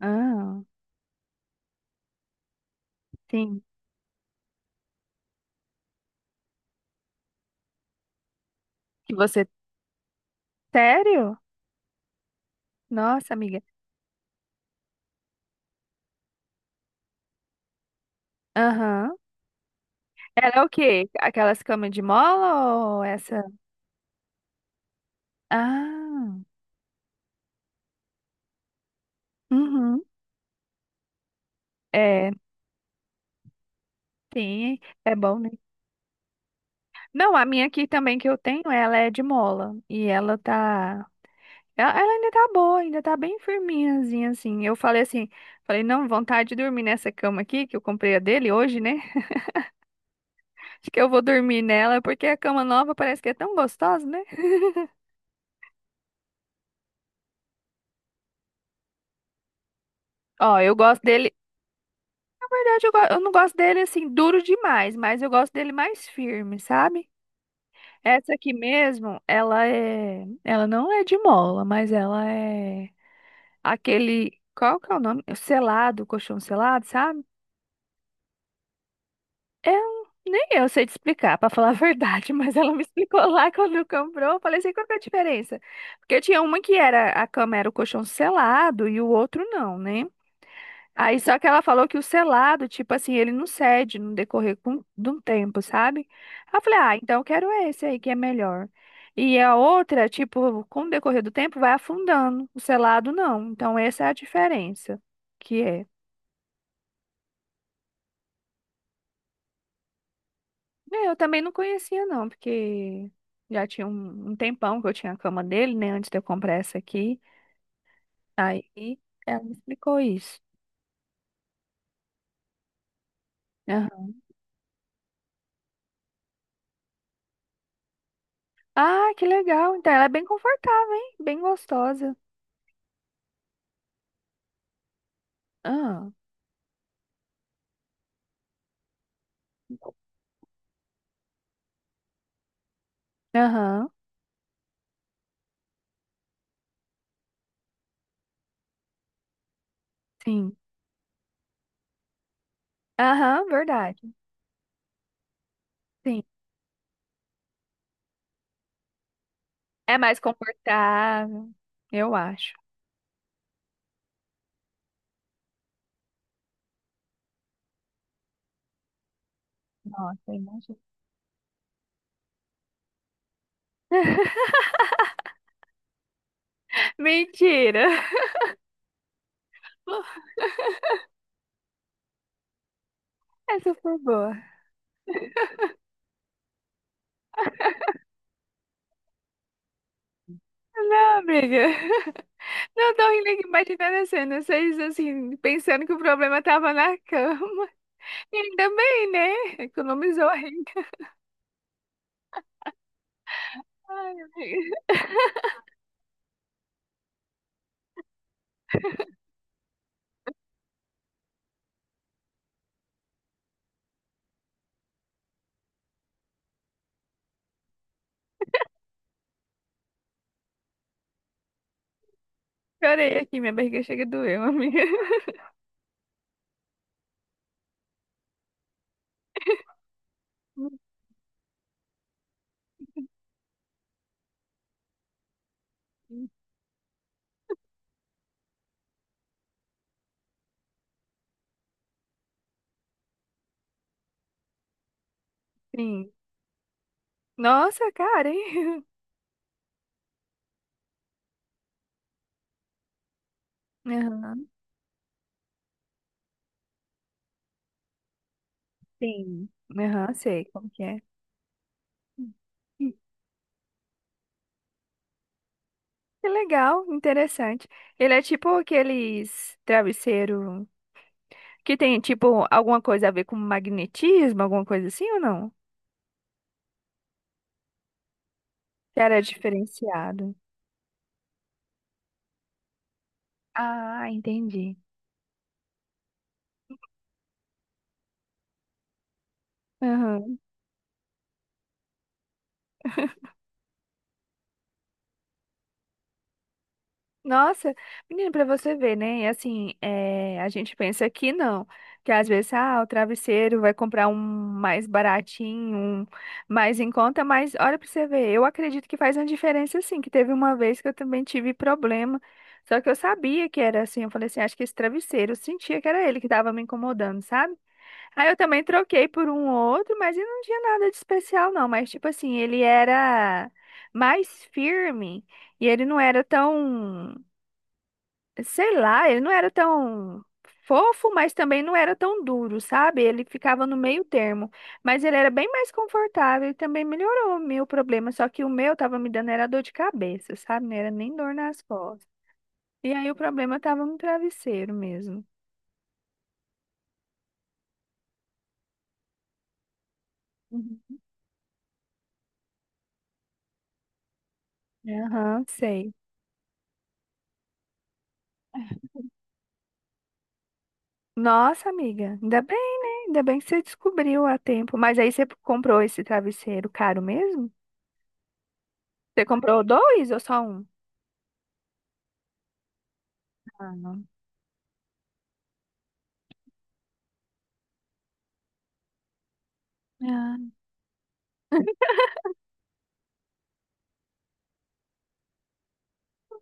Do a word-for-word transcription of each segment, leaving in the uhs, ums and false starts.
Ah, sim. Que você. Sério? Nossa, amiga. Aham. Ela é o quê? Aquelas camas de mola ou essa? Ah, uhum. É, sim, é bom, né? Não, a minha aqui também que eu tenho, ela é de mola. E ela tá. Ela, ela ainda tá boa, ainda tá bem firminhazinha, assim. Eu falei assim, falei, não, vontade de dormir nessa cama aqui, que eu comprei a dele hoje, né? Acho que eu vou dormir nela, porque a cama nova parece que é tão gostosa, né? Ó, eu gosto dele. Na verdade, eu, go- eu não gosto dele assim duro demais, mas eu gosto dele mais firme, sabe? Essa aqui mesmo, ela é, ela não é de mola, mas ela é aquele, qual que é o nome? Selado, colchão selado, sabe? É um- nem eu sei te explicar, pra falar a verdade, mas ela me explicou lá quando comprou, eu falei assim, qual que é a diferença? Porque tinha uma que era a cama era o colchão selado e o outro não, né? Aí só que ela falou que o selado, tipo assim, ele não cede no decorrer com- de um tempo, sabe? Aí eu falei, ah, então eu quero esse aí que é melhor. E a outra, tipo, com o decorrer do tempo vai afundando, o selado não. Então essa é a diferença que é. É, eu também não conhecia não, porque já tinha um, um tempão que eu tinha a cama dele, né, antes de eu comprar essa aqui. Aí ela me explicou isso. Aham. Ah, que legal. Então ela é bem confortável, hein? Bem gostosa. Ah. Aham. Sim. Aham, verdade. Sim. É mais confortável, eu acho. Nossa, imagina. Mentira! Essa foi boa. Não, amiga. Não tô rindo aqui, imaginando a cena. Vocês, assim, pensando que o problema tava na cama. E ainda bem, né? Economizou a renda. Ai, amiga. Chorei aqui, minha barriga chega a doer, amiga. Sim. Nossa, cara, hein? Aham, sim. Aham, sei como que é. Que legal, interessante. Ele é tipo aqueles travesseiro que tem tipo alguma coisa a ver com magnetismo, alguma coisa assim ou não? Que era diferenciado. Ah, entendi. Aham. Nossa, menina, pra você ver, né? E assim, é, a gente pensa que não, que às vezes, ah, o travesseiro vai comprar um mais baratinho, um mais em conta, mas olha pra você ver, eu acredito que faz uma diferença sim, que teve uma vez que eu também tive problema, só que eu sabia que era assim, eu falei assim, acho que esse travesseiro, eu sentia que era ele que tava me incomodando, sabe? Aí eu também troquei por um outro, mas ele não tinha nada de especial não, mas tipo assim, ele era mais firme e ele não era tão sei lá, ele não era tão fofo, mas também não era tão duro, sabe? Ele ficava no meio termo, mas ele era bem mais confortável e também melhorou o meu problema, só que o meu tava me dando era dor de cabeça, sabe? Não era nem dor nas costas. E aí o problema tava no travesseiro mesmo. Uhum. Aham, sei. Nossa, amiga, ainda bem, né? Ainda bem que você descobriu a tempo. Mas aí você comprou esse travesseiro caro mesmo? Você comprou dois ou só um? Ah, não. Ah,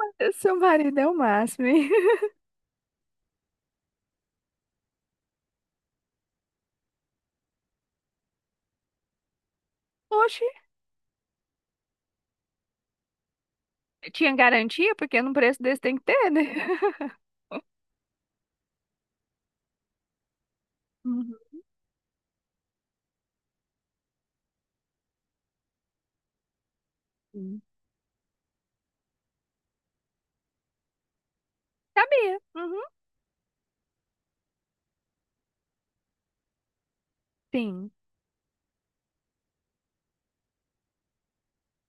seu marido é o máximo, hein? Oxe, tinha garantia? Porque num preço desse tem que ter, né? Uhum. Sabia. Uhum, sim.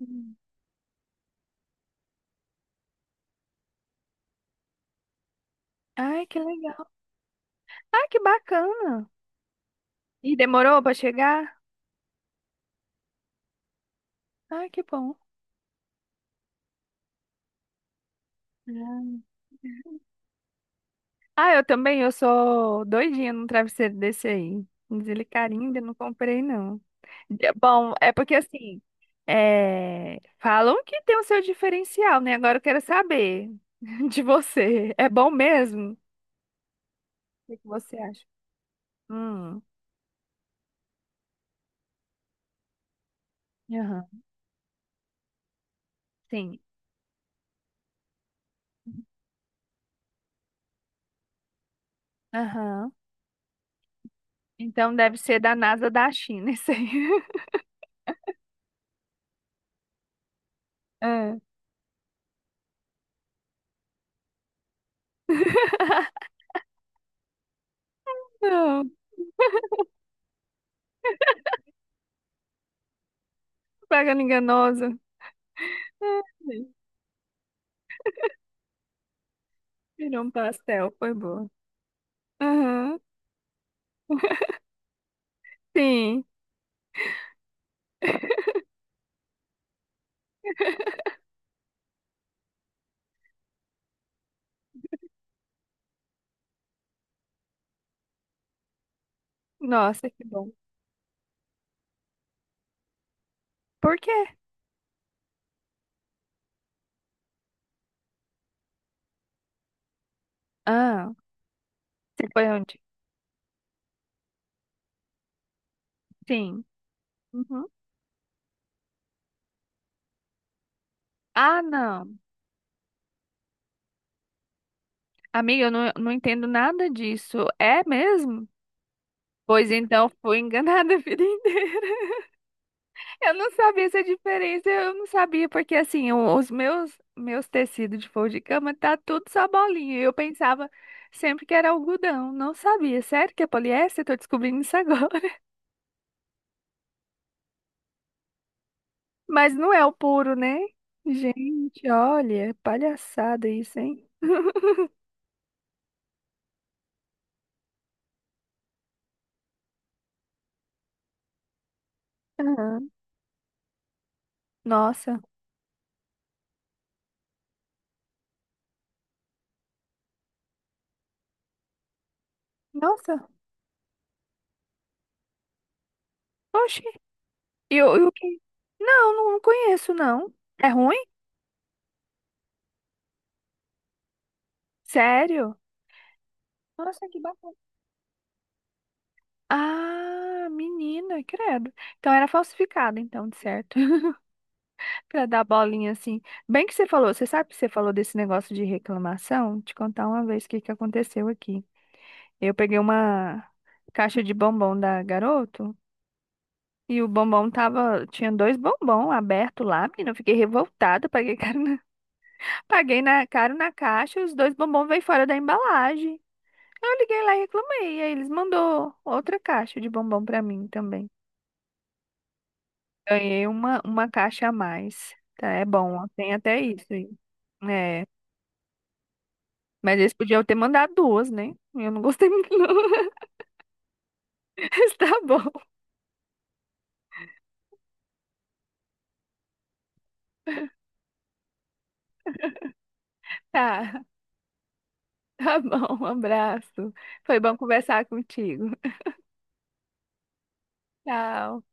Hum. Ai, que legal. Ai, que bacana. E demorou pra chegar? Ai, que bom. Ah, ah, eu também, eu sou doidinha num travesseiro desse aí. Mas ele carinho ainda não comprei, não. É, bom, é porque assim, é, falam que tem o seu diferencial, né? Agora eu quero saber de você. É bom mesmo? O que que você acha? Hum, aham, sim. Aham. Então deve ser da NASA da China, isso aí. É. Não, propaganda enganosa. Ai, virou um pastel, foi boa. Aham, sim. Nossa, que bom. Por quê? Ah, você foi onde? Sim. Uhum. Ah, não. Amiga, eu não, não entendo nada disso. É mesmo? Pois então, fui enganada a vida inteira. Eu não sabia essa diferença, eu não sabia, porque assim, o- os meus meus tecidos de forro de cama tá tudo só bolinha. Eu pensava sempre que era algodão, não sabia. Sério que é poliéster? Tô descobrindo isso agora. Mas não é o puro, né? Gente, olha, palhaçada isso, hein? Aham. Nossa, nossa, oxi. E o e o que? Não, não conheço, não. É ruim? Sério? Nossa, que bacana. Ah, menina, credo. Então era falsificado, então, de certo. Pra dar bolinha assim. Bem que você falou, você sabe que você falou desse negócio de reclamação? Te contar uma vez o que que aconteceu aqui. Eu peguei uma caixa de bombom da Garoto e o bombom tava, tinha dois bombom aberto lá, menina, eu fiquei revoltada, paguei caro na, paguei na, caro na caixa, os dois bombom veio fora da embalagem. Eu liguei lá e reclamei, aí eles mandou outra caixa de bombom pra mim também. Ganhei uma, uma caixa a mais. Tá, é bom, ó, tem até isso aí. É. Mas eles podiam ter mandado duas, né? Eu não gostei muito, não. Mas Tá bom, tá. Tá bom, um abraço. Foi bom conversar contigo. Tchau.